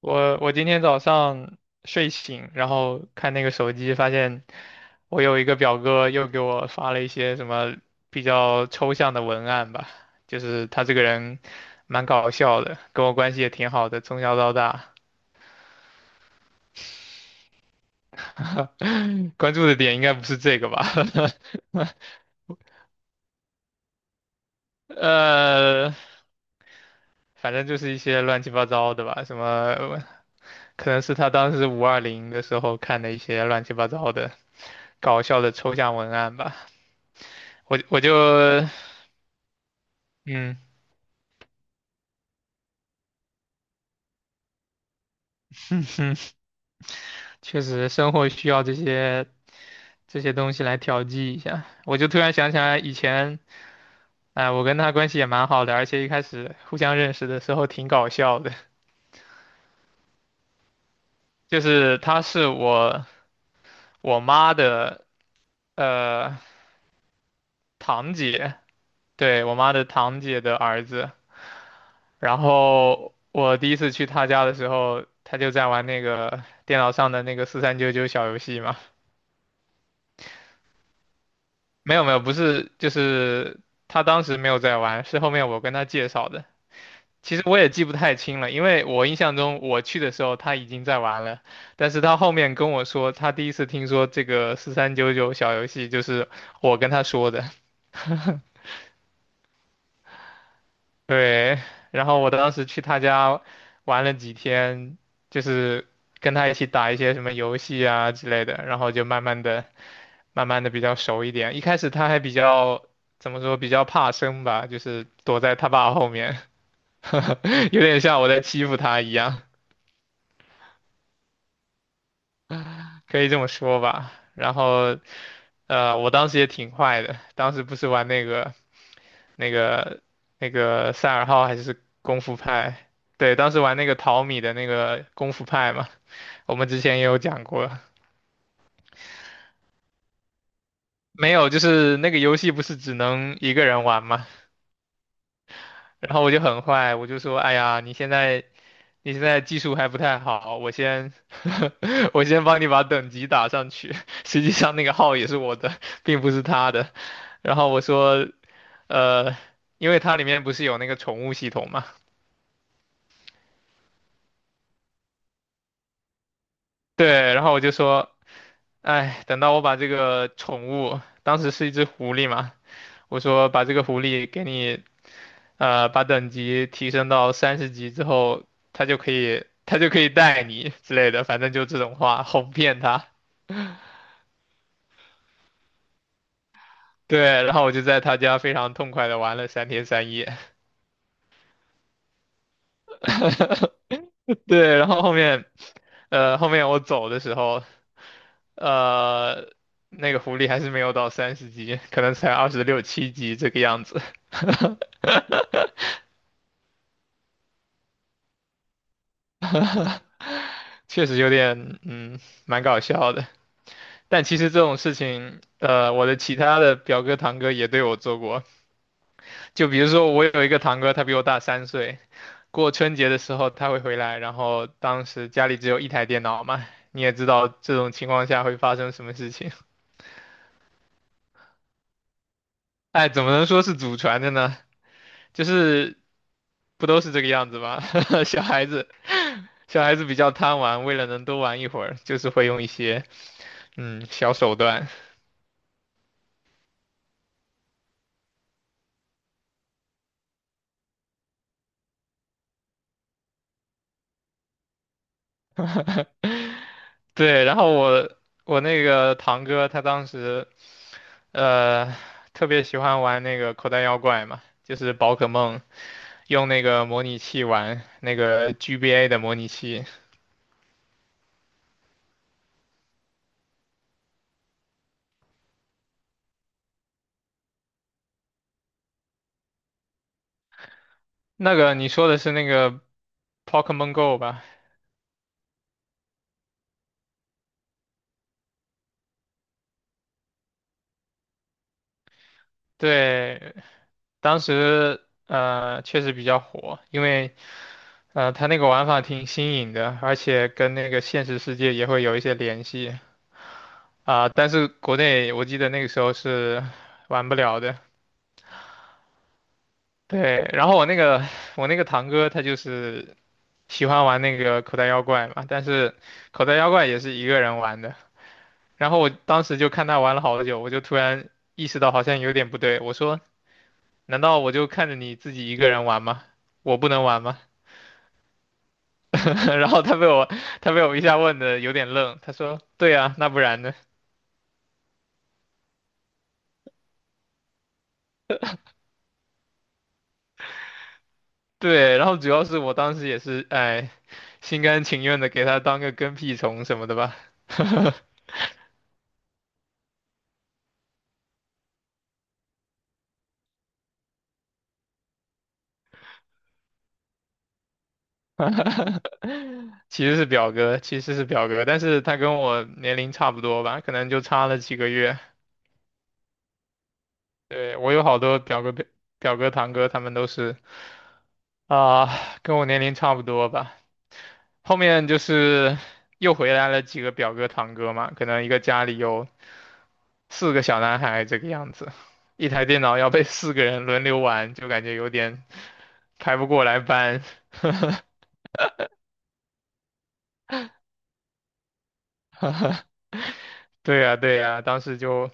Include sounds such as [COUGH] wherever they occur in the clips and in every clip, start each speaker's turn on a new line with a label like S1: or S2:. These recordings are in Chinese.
S1: 我今天早上睡醒，然后看那个手机，发现我有一个表哥又给我发了一些什么比较抽象的文案吧，就是他这个人蛮搞笑的，跟我关系也挺好的，从小到大，[LAUGHS] 关注的点应该不是这个吧？[LAUGHS] 呃，反正就是一些乱七八糟的吧，什么可能是他当时520的时候看的一些乱七八糟的搞笑的抽象文案吧。我我就嗯，确实生活需要这些东西来调剂一下。我就突然想起来以前，哎、我跟他关系也蛮好的，而且一开始互相认识的时候挺搞笑的，就是他是我妈的呃堂姐，对，我妈的堂姐的儿子。然后我第一次去他家的时候，他就在玩那个电脑上的那个四三九九小游戏嘛。没有没有，不是，就是他当时没有在玩，是后面我跟他介绍的。其实我也记不太清了，因为我印象中我去的时候他已经在玩了，但是他后面跟我说他第一次听说这个四三九九小游戏，就是我跟他说的。[LAUGHS] 对，然后我当时去他家玩了几天，就是跟他一起打一些什么游戏啊之类的，然后就慢慢的慢慢的比较熟一点。一开始他还比较怎么说，比较怕生吧，就是躲在他爸后面，[LAUGHS] 有点像我在欺负他一样，可以这么说吧。然后，我当时也挺坏的，当时不是玩那个那个赛尔号还是功夫派？对，当时玩那个淘米的那个功夫派嘛，我们之前也有讲过。没有，就是那个游戏不是只能一个人玩嘛，然后我就很坏，我就说，哎呀，你现在技术还不太好，我先 [LAUGHS] 我先帮你把等级打上去。实际上那个号也是我的，并不是他的。然后我说，呃，因为它里面不是有那个宠物系统嘛，对。然后我就说，哎，等到我把这个宠物，当时是一只狐狸嘛，我说把这个狐狸给你，把等级提升到三十级之后，它就可以带你之类的，反正就这种话，哄骗他。[LAUGHS] 对，然后我就在他家非常痛快的玩了3天3夜。[LAUGHS] 对，然后后面我走的时候，呃，那个狐狸还是没有到三十级，可能才二十六七级这个样子，[LAUGHS] 确实有点，蛮搞笑的。但其实这种事情，我的其他的表哥堂哥也对我做过，就比如说我有一个堂哥，他比我大三岁，过春节的时候他会回来，然后当时家里只有一台电脑嘛，你也知道这种情况下会发生什么事情。[LAUGHS] 哎，怎么能说是祖传的呢？就是不都是这个样子吗？[LAUGHS] 小孩子，小孩子比较贪玩，为了能多玩一会儿，就是会用一些小手段。对，然后我那个堂哥他当时呃特别喜欢玩那个口袋妖怪嘛，就是宝可梦。用那个模拟器玩那个 GBA 的模拟器。那个你说的是那个 Pokemon Go 吧？对，当时确实比较火，因为它那个玩法挺新颖的，而且跟那个现实世界也会有一些联系啊、但是国内我记得那个时候是玩不了的。对，然后我那个堂哥他就是喜欢玩那个口袋妖怪嘛，但是口袋妖怪也是一个人玩的，然后我当时就看他玩了好久，我就突然意识到好像有点不对，我说难道我就看着你自己一个人玩吗？我不能玩吗？[LAUGHS] 然后他被我一下问的有点愣，他说对啊，那不然呢？对，然后主要是我当时也是哎心甘情愿的给他当个跟屁虫什么的吧。[LAUGHS] 其实是表哥，但是他跟我年龄差不多吧，可能就差了几个月。对，我有好多表哥、表哥、堂哥，他们都是啊，跟我年龄差不多吧。后面就是又回来了几个表哥堂哥嘛，可能一个家里有四个小男孩这个样子，一台电脑要被四个人轮流玩，就感觉有点排不过来班。[LAUGHS] 对呀，对呀，当时就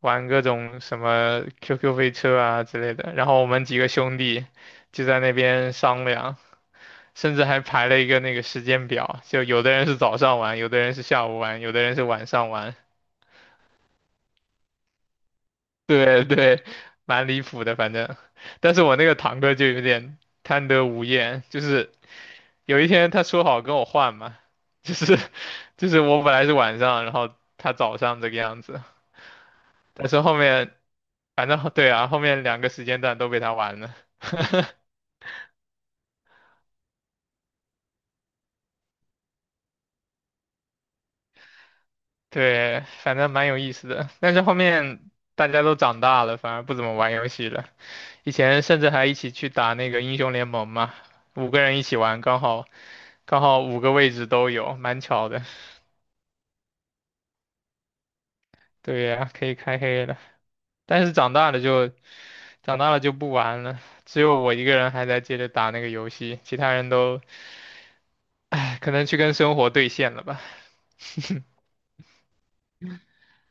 S1: 玩各种什么 QQ 飞车啊之类的，然后我们几个兄弟就在那边商量，甚至还排了一个那个时间表，就有的人是早上玩，有的人是下午玩，有的人是晚上玩。[LAUGHS] 对对，蛮离谱的，反正。但是我那个堂哥就有点贪得无厌，就是有一天他说好跟我换嘛，[LAUGHS] 就是就是我本来是晚上，然后他早上这个样子，但是后面反正对啊，后面两个时间段都被他玩了。[LAUGHS] 对，反正蛮有意思的。但是后面大家都长大了，反而不怎么玩游戏了。以前甚至还一起去打那个英雄联盟嘛，五个人一起玩，刚好五个位置都有，蛮巧的。对呀，可以开黑了。但是长大了就不玩了，只有我一个人还在接着打那个游戏，其他人都 [SIGHS] 唉可能去跟生活对线了吧，[LAUGHS]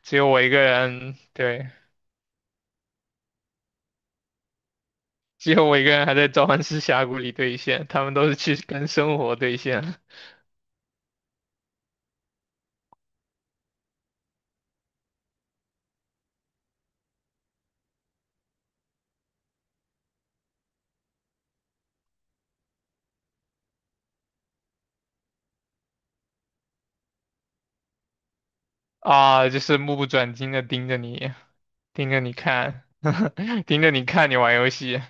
S1: 只有我一个人，对。只有我一个人还在召唤师峡谷里兑现，他们都是去跟生活兑现啊，就是目不转睛的盯着你，盯着你看，[LAUGHS] 盯着你看你玩游戏。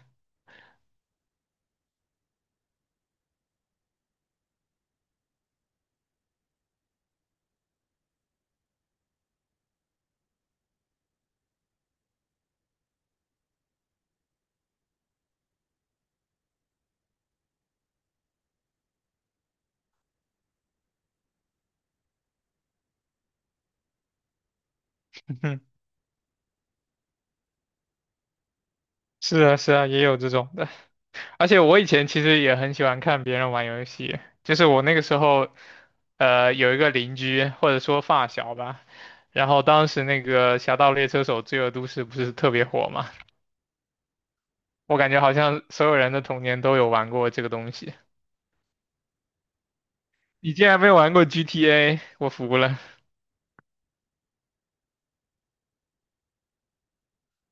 S1: [LAUGHS] 是啊，是啊，也有这种的。而且我以前其实也很喜欢看别人玩游戏，就是我那个时候，有一个邻居或者说发小吧，然后当时那个《侠盗猎车手：罪恶都市》不是特别火嘛，我感觉好像所有人的童年都有玩过这个东西。你竟然没玩过 GTA，我服了。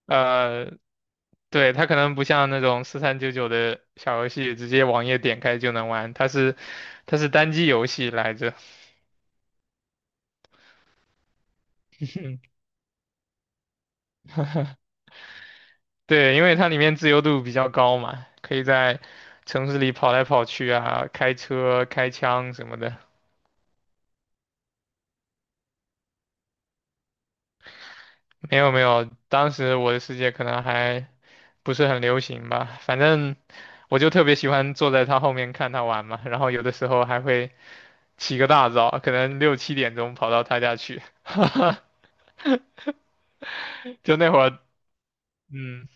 S1: 呃，对，它可能不像那种四三九九的小游戏，直接网页点开就能玩，它是单机游戏来着。对，因为它里面自由度比较高嘛，可以在城市里跑来跑去啊，开车、开枪什么的。没有没有，当时我的世界可能还不是很流行吧，反正我就特别喜欢坐在他后面看他玩嘛，然后有的时候还会起个大早，可能六七点钟跑到他家去，[LAUGHS] 就那会儿，嗯，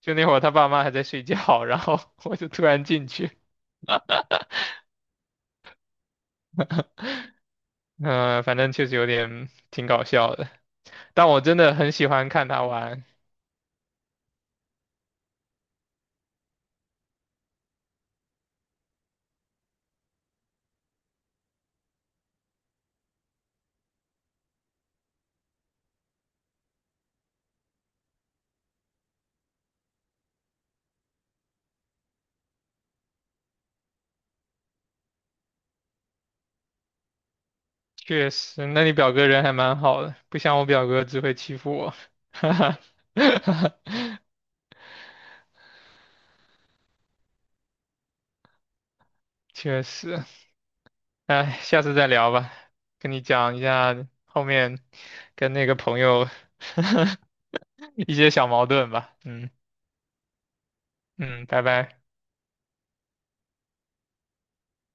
S1: 就那会儿他爸妈还在睡觉，然后 [LAUGHS] 我就突然进去，嗯、反正确实有点挺搞笑的，但我真的很喜欢看他玩，确实，那你表哥人还蛮好的，不像我表哥只会欺负我，[LAUGHS] 哈哈。确实，哎，下次再聊吧，跟你讲一下后面跟那个朋友 [LAUGHS] 一些小矛盾吧。嗯嗯，拜拜。